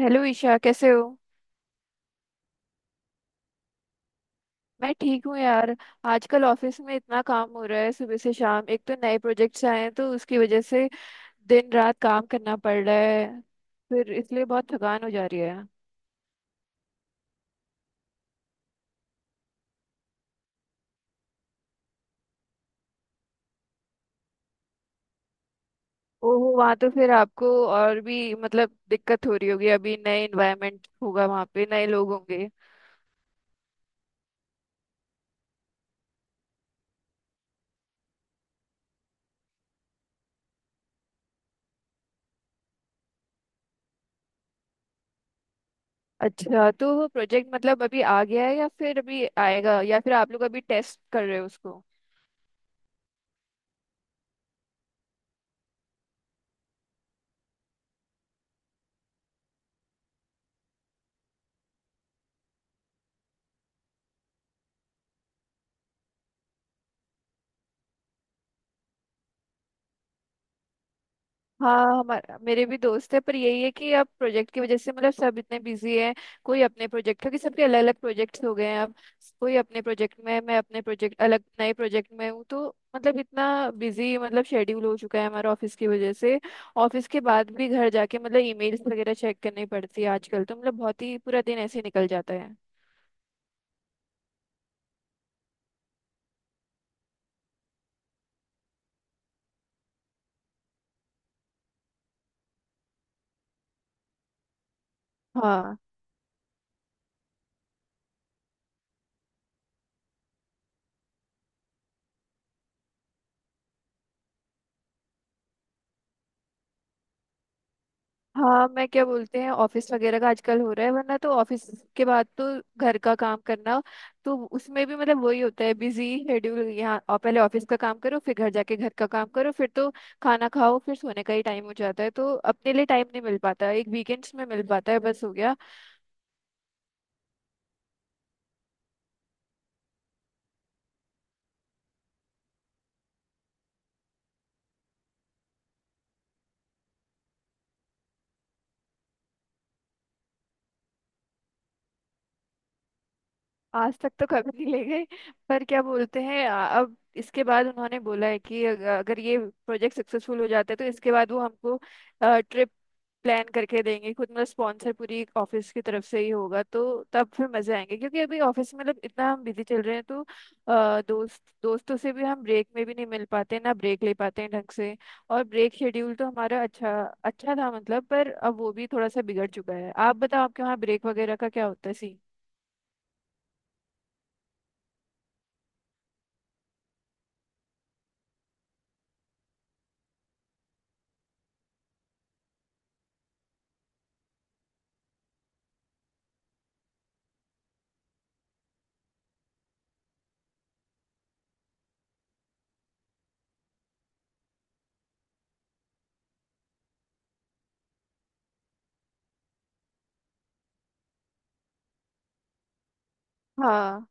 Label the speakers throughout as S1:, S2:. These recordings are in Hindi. S1: हेलो ईशा कैसे हो। मैं ठीक हूँ यार। आजकल ऑफिस में इतना काम हो रहा है सुबह से शाम। एक तो नए प्रोजेक्ट्स आए हैं तो उसकी वजह से दिन रात काम करना पड़ रहा है, फिर इसलिए बहुत थकान हो जा रही है। ओहो, वहाँ तो फिर आपको और भी मतलब दिक्कत हो रही होगी। अभी नए इन्वायरमेंट होगा, वहाँ पे नए लोग होंगे। अच्छा, तो वो प्रोजेक्ट मतलब अभी आ गया है या फिर अभी आएगा, या फिर आप लोग अभी टेस्ट कर रहे हो उसको। हाँ, हमारे मेरे भी दोस्त है, पर यही है कि अब प्रोजेक्ट की वजह से मतलब सब इतने बिजी हैं। कोई अपने प्रोजेक्ट, क्योंकि सबके अलग अलग प्रोजेक्ट्स हो गए हैं अब। कोई अपने प्रोजेक्ट में है, मैं अपने प्रोजेक्ट अलग नए प्रोजेक्ट में हूँ, तो मतलब इतना बिजी मतलब शेड्यूल हो चुका है हमारा ऑफिस की वजह से। ऑफिस के बाद भी घर जाके मतलब ईमेल्स वगैरह चेक करनी पड़ती है आजकल, तो मतलब बहुत ही पूरा दिन ऐसे ही निकल जाता है। हाँ। हाँ, मैं क्या बोलते हैं ऑफिस वगैरह का आजकल हो रहा है, वरना तो ऑफिस के बाद तो घर का काम करना, तो उसमें भी मतलब वही होता है बिजी शेड्यूल। यहाँ और पहले ऑफिस का काम करो फिर घर जाके घर का काम करो, फिर तो खाना खाओ फिर सोने का ही टाइम हो जाता है, तो अपने लिए टाइम नहीं मिल पाता, एक वीकेंड्स में मिल पाता है बस, हो गया। आज तक तो कभी नहीं ले गए। पर क्या बोलते हैं अब इसके बाद उन्होंने बोला है कि अगर ये प्रोजेक्ट सक्सेसफुल हो जाता है तो इसके बाद वो हमको ट्रिप प्लान करके देंगे खुद, मतलब स्पॉन्सर पूरी ऑफिस की तरफ से ही होगा, तो तब फिर मजे आएंगे। क्योंकि अभी ऑफिस में मतलब इतना हम बिजी चल रहे हैं, तो दोस्त दोस्तों से भी हम ब्रेक में भी नहीं मिल पाते ना ब्रेक ले पाते हैं ढंग से। और ब्रेक शेड्यूल तो हमारा अच्छा अच्छा था मतलब, पर अब वो भी थोड़ा सा बिगड़ चुका है। आप बताओ आपके वहाँ ब्रेक वगैरह का क्या होता है सी। हाँ।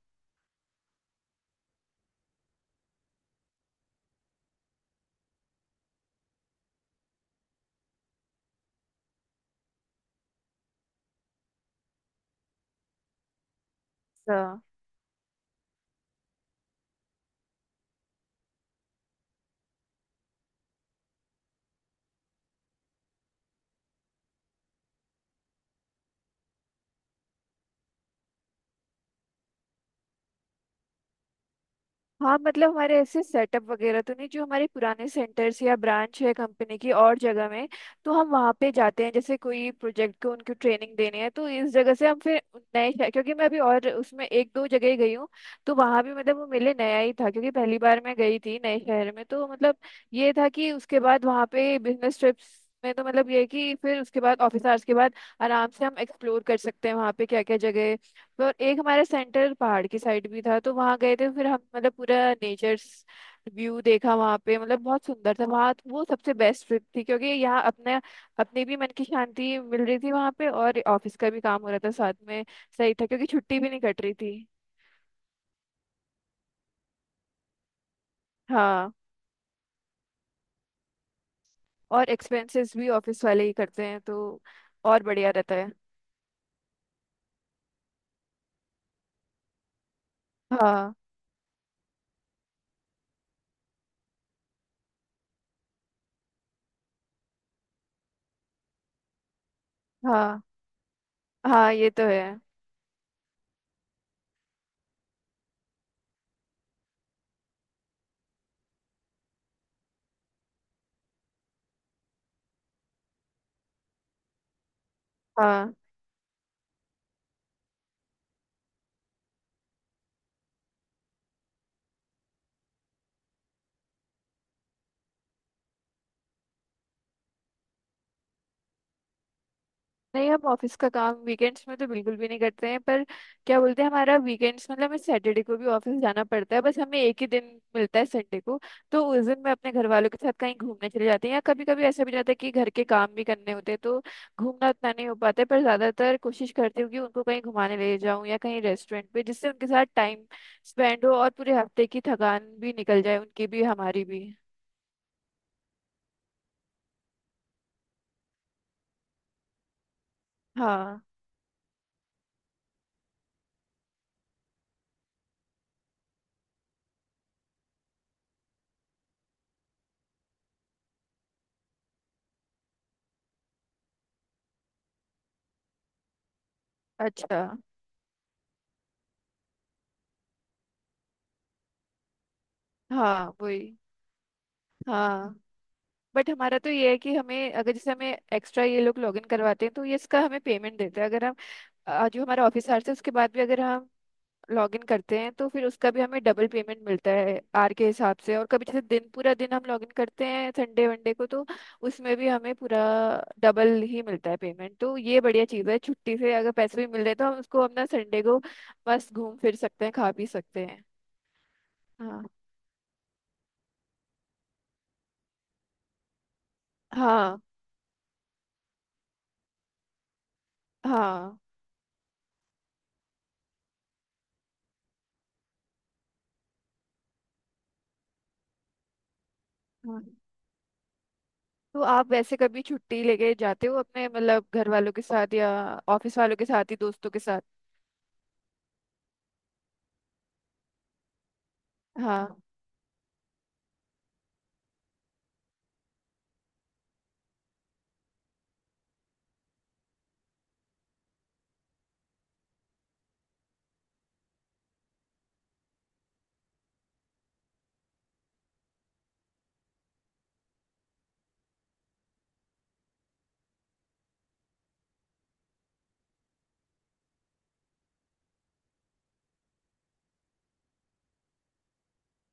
S1: हाँ, मतलब हमारे ऐसे सेटअप वगैरह तो नहीं, जो हमारे पुराने सेंटर्स या ब्रांच है कंपनी की और जगह में, तो हम वहाँ पे जाते हैं। जैसे कोई प्रोजेक्ट को उनको ट्रेनिंग देनी है तो इस जगह से हम फिर नए शहर, क्योंकि मैं अभी और उसमें एक दो जगह ही गई हूँ, तो वहाँ भी मतलब वो मेले नया ही था, क्योंकि पहली बार मैं गई थी नए शहर में, तो मतलब ये था कि उसके बाद वहाँ पे बिजनेस ट्रिप्स में तो मतलब ये है कि फिर उसके बाद ऑफिस आवर्स के बाद आराम से हम एक्सप्लोर कर सकते हैं वहाँ पे क्या क्या जगह है। और एक हमारा सेंटर पहाड़ की साइड भी था, तो वहां गए थे फिर हम, मतलब पूरा नेचर व्यू देखा वहां पे, मतलब बहुत सुंदर था वहां। वो सबसे बेस्ट ट्रिप थी, क्योंकि यहाँ अपने अपने भी मन की शांति मिल रही थी वहां पे, और ऑफिस का भी काम हो रहा था साथ में। सही था क्योंकि छुट्टी भी नहीं कट रही थी। हाँ, और एक्सपेंसेस भी ऑफिस वाले ही करते हैं, तो और बढ़िया रहता है। हाँ। हाँ। हाँ, ये तो है। हाँ। नहीं, हम ऑफिस का काम वीकेंड्स में तो बिल्कुल भी नहीं करते हैं। पर क्या बोलते हैं, हमारा वीकेंड्स मतलब हमें सैटरडे को भी ऑफिस जाना पड़ता है, बस हमें एक ही दिन मिलता है संडे को। तो उस दिन मैं अपने घर वालों के साथ कहीं घूमने चले जाते हैं, या कभी कभी ऐसा भी जाता है कि घर के काम भी करने होते हैं, तो घूमना उतना नहीं हो पाता है, पर ज्यादातर कोशिश करती हूँ कि उनको कहीं घुमाने ले जाऊँ या कहीं रेस्टोरेंट पे, जिससे उनके साथ टाइम स्पेंड हो और पूरे हफ्ते की थकान भी निकल जाए, उनकी भी हमारी भी। हाँ। अच्छा। हाँ वही। हाँ। बट हमारा तो ये है कि हमें अगर जैसे हमें एक्स्ट्रा ये लोग लॉगिन करवाते हैं तो ये इसका हमें पेमेंट देते हैं। अगर हम जो हमारा ऑफिस आवर्स है उसके बाद भी अगर हम लॉगिन करते हैं तो फिर उसका भी हमें डबल पेमेंट मिलता है आर के हिसाब से। और कभी जैसे दिन पूरा दिन हम लॉगिन करते हैं संडे वनडे को, तो उसमें भी हमें पूरा डबल ही मिलता है पेमेंट। तो ये बढ़िया चीज़ है, छुट्टी से अगर पैसे भी मिल रहे हैं, तो हम उसको अपना संडे को बस घूम फिर सकते हैं, खा पी सकते हैं। हाँ। हाँ। हाँ। हाँ, तो आप वैसे कभी छुट्टी लेके जाते हो अपने मतलब घर वालों के साथ या ऑफिस वालों के साथ ही दोस्तों के साथ। हाँ।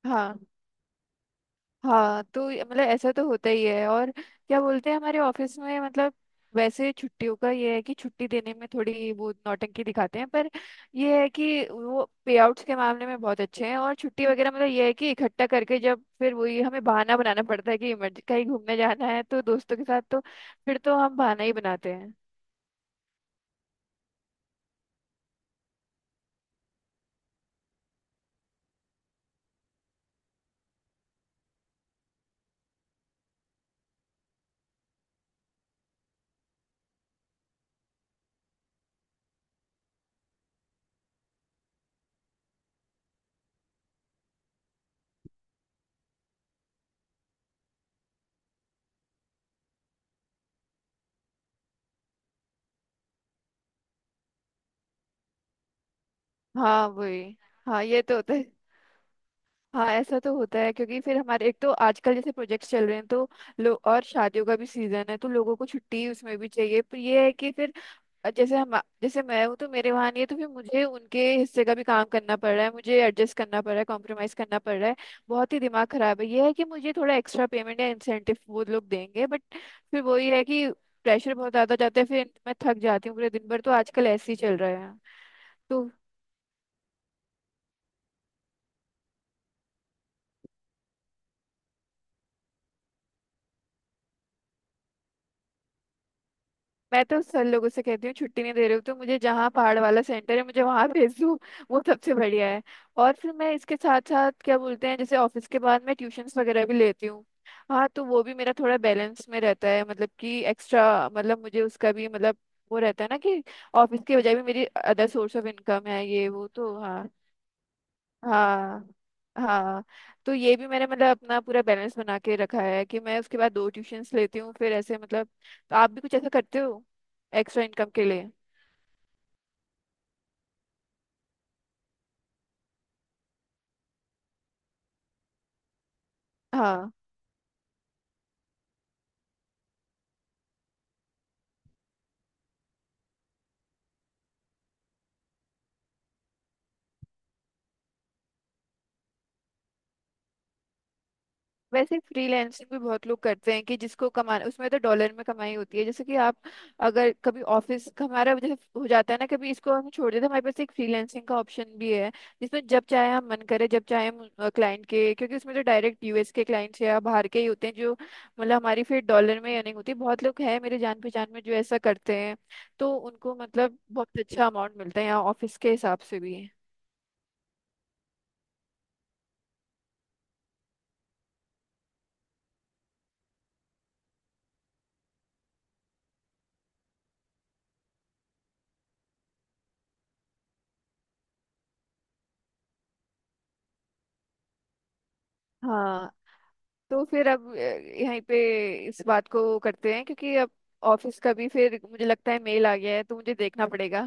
S1: हाँ। हाँ, तो मतलब ऐसा तो होता ही है। और क्या बोलते हैं हमारे ऑफिस में मतलब वैसे छुट्टियों का ये है कि छुट्टी देने में थोड़ी वो नौटंकी दिखाते हैं, पर ये है कि वो पे आउट्स के मामले में बहुत अच्छे हैं। और छुट्टी वगैरह मतलब ये है कि इकट्ठा करके जब फिर वही हमें बहाना बनाना पड़ता है कि इमरजेंसी कहीं घूमने जाना है तो दोस्तों के साथ, तो फिर तो हम बहाना ही बनाते हैं। हाँ वही। हाँ ये तो होता है। हाँ, ऐसा तो होता है क्योंकि फिर हमारे एक तो आजकल जैसे प्रोजेक्ट्स चल रहे हैं तो लोग, और शादियों का भी सीजन है तो लोगों को छुट्टी उसमें भी चाहिए। पर ये है कि फिर जैसे हम जैसे मैं हूँ तो मेरे वहाँ नहीं है, तो फिर मुझे उनके हिस्से का भी काम करना पड़ रहा है, मुझे एडजस्ट करना पड़ रहा है, कॉम्प्रोमाइज करना पड़ रहा है। बहुत ही दिमाग खराब है। ये है कि मुझे थोड़ा एक्स्ट्रा पेमेंट या इंसेंटिव वो लोग देंगे, बट फिर वही है कि प्रेशर बहुत ज्यादा जाता है, फिर मैं थक जाती हूँ पूरे दिन भर, तो आजकल ऐसे ही चल रहा है। तो मैं तो सर लोगों से कहती हूँ छुट्टी नहीं दे रहे हो तो मुझे जहाँ पहाड़ वाला सेंटर है मुझे वहाँ भेज दो, वो सबसे बढ़िया है। और फिर मैं इसके साथ साथ क्या बोलते हैं जैसे ऑफिस के बाद मैं ट्यूशन्स वगैरह भी लेती हूँ। हाँ, तो वो भी मेरा थोड़ा बैलेंस में रहता है, मतलब कि एक्स्ट्रा मतलब मुझे उसका भी मतलब वो रहता है ना कि ऑफिस के बजाय भी मेरी अदर सोर्स ऑफ इनकम है ये, वो तो हाँ। हाँ। हाँ, तो ये भी मैंने मतलब अपना पूरा बैलेंस बना के रखा है कि मैं उसके बाद 2 ट्यूशंस लेती हूँ, फिर ऐसे मतलब। तो आप भी कुछ ऐसा करते हो एक्स्ट्रा इनकम के लिए। हाँ। वैसे फ्रीलैंसिंग भी बहुत लोग करते हैं, कि जिसको कमाना उसमें तो डॉलर में कमाई होती है। जैसे कि आप अगर कभी ऑफिस हमारा जैसे हो जाता है ना, कभी इसको हम छोड़ देते हैं, हमारे पास एक फ्रीलैंसिंग का ऑप्शन भी है, जिसमें जब चाहे हम मन करे जब चाहे हम क्लाइंट के, क्योंकि उसमें तो डायरेक्ट यूएस के क्लाइंट्स या बाहर के ही होते हैं, जो मतलब हमारी फिर डॉलर में अर्निंग होती है। बहुत लोग हैं मेरे जान पहचान में जो ऐसा करते हैं, तो उनको मतलब बहुत अच्छा अमाउंट मिलता है यहाँ ऑफिस के हिसाब से भी। हाँ। तो फिर अब यहीं पे इस बात को करते हैं, क्योंकि अब ऑफिस का भी फिर मुझे लगता है मेल आ गया है तो मुझे देखना पड़ेगा।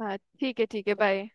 S1: हाँ ठीक है बाय।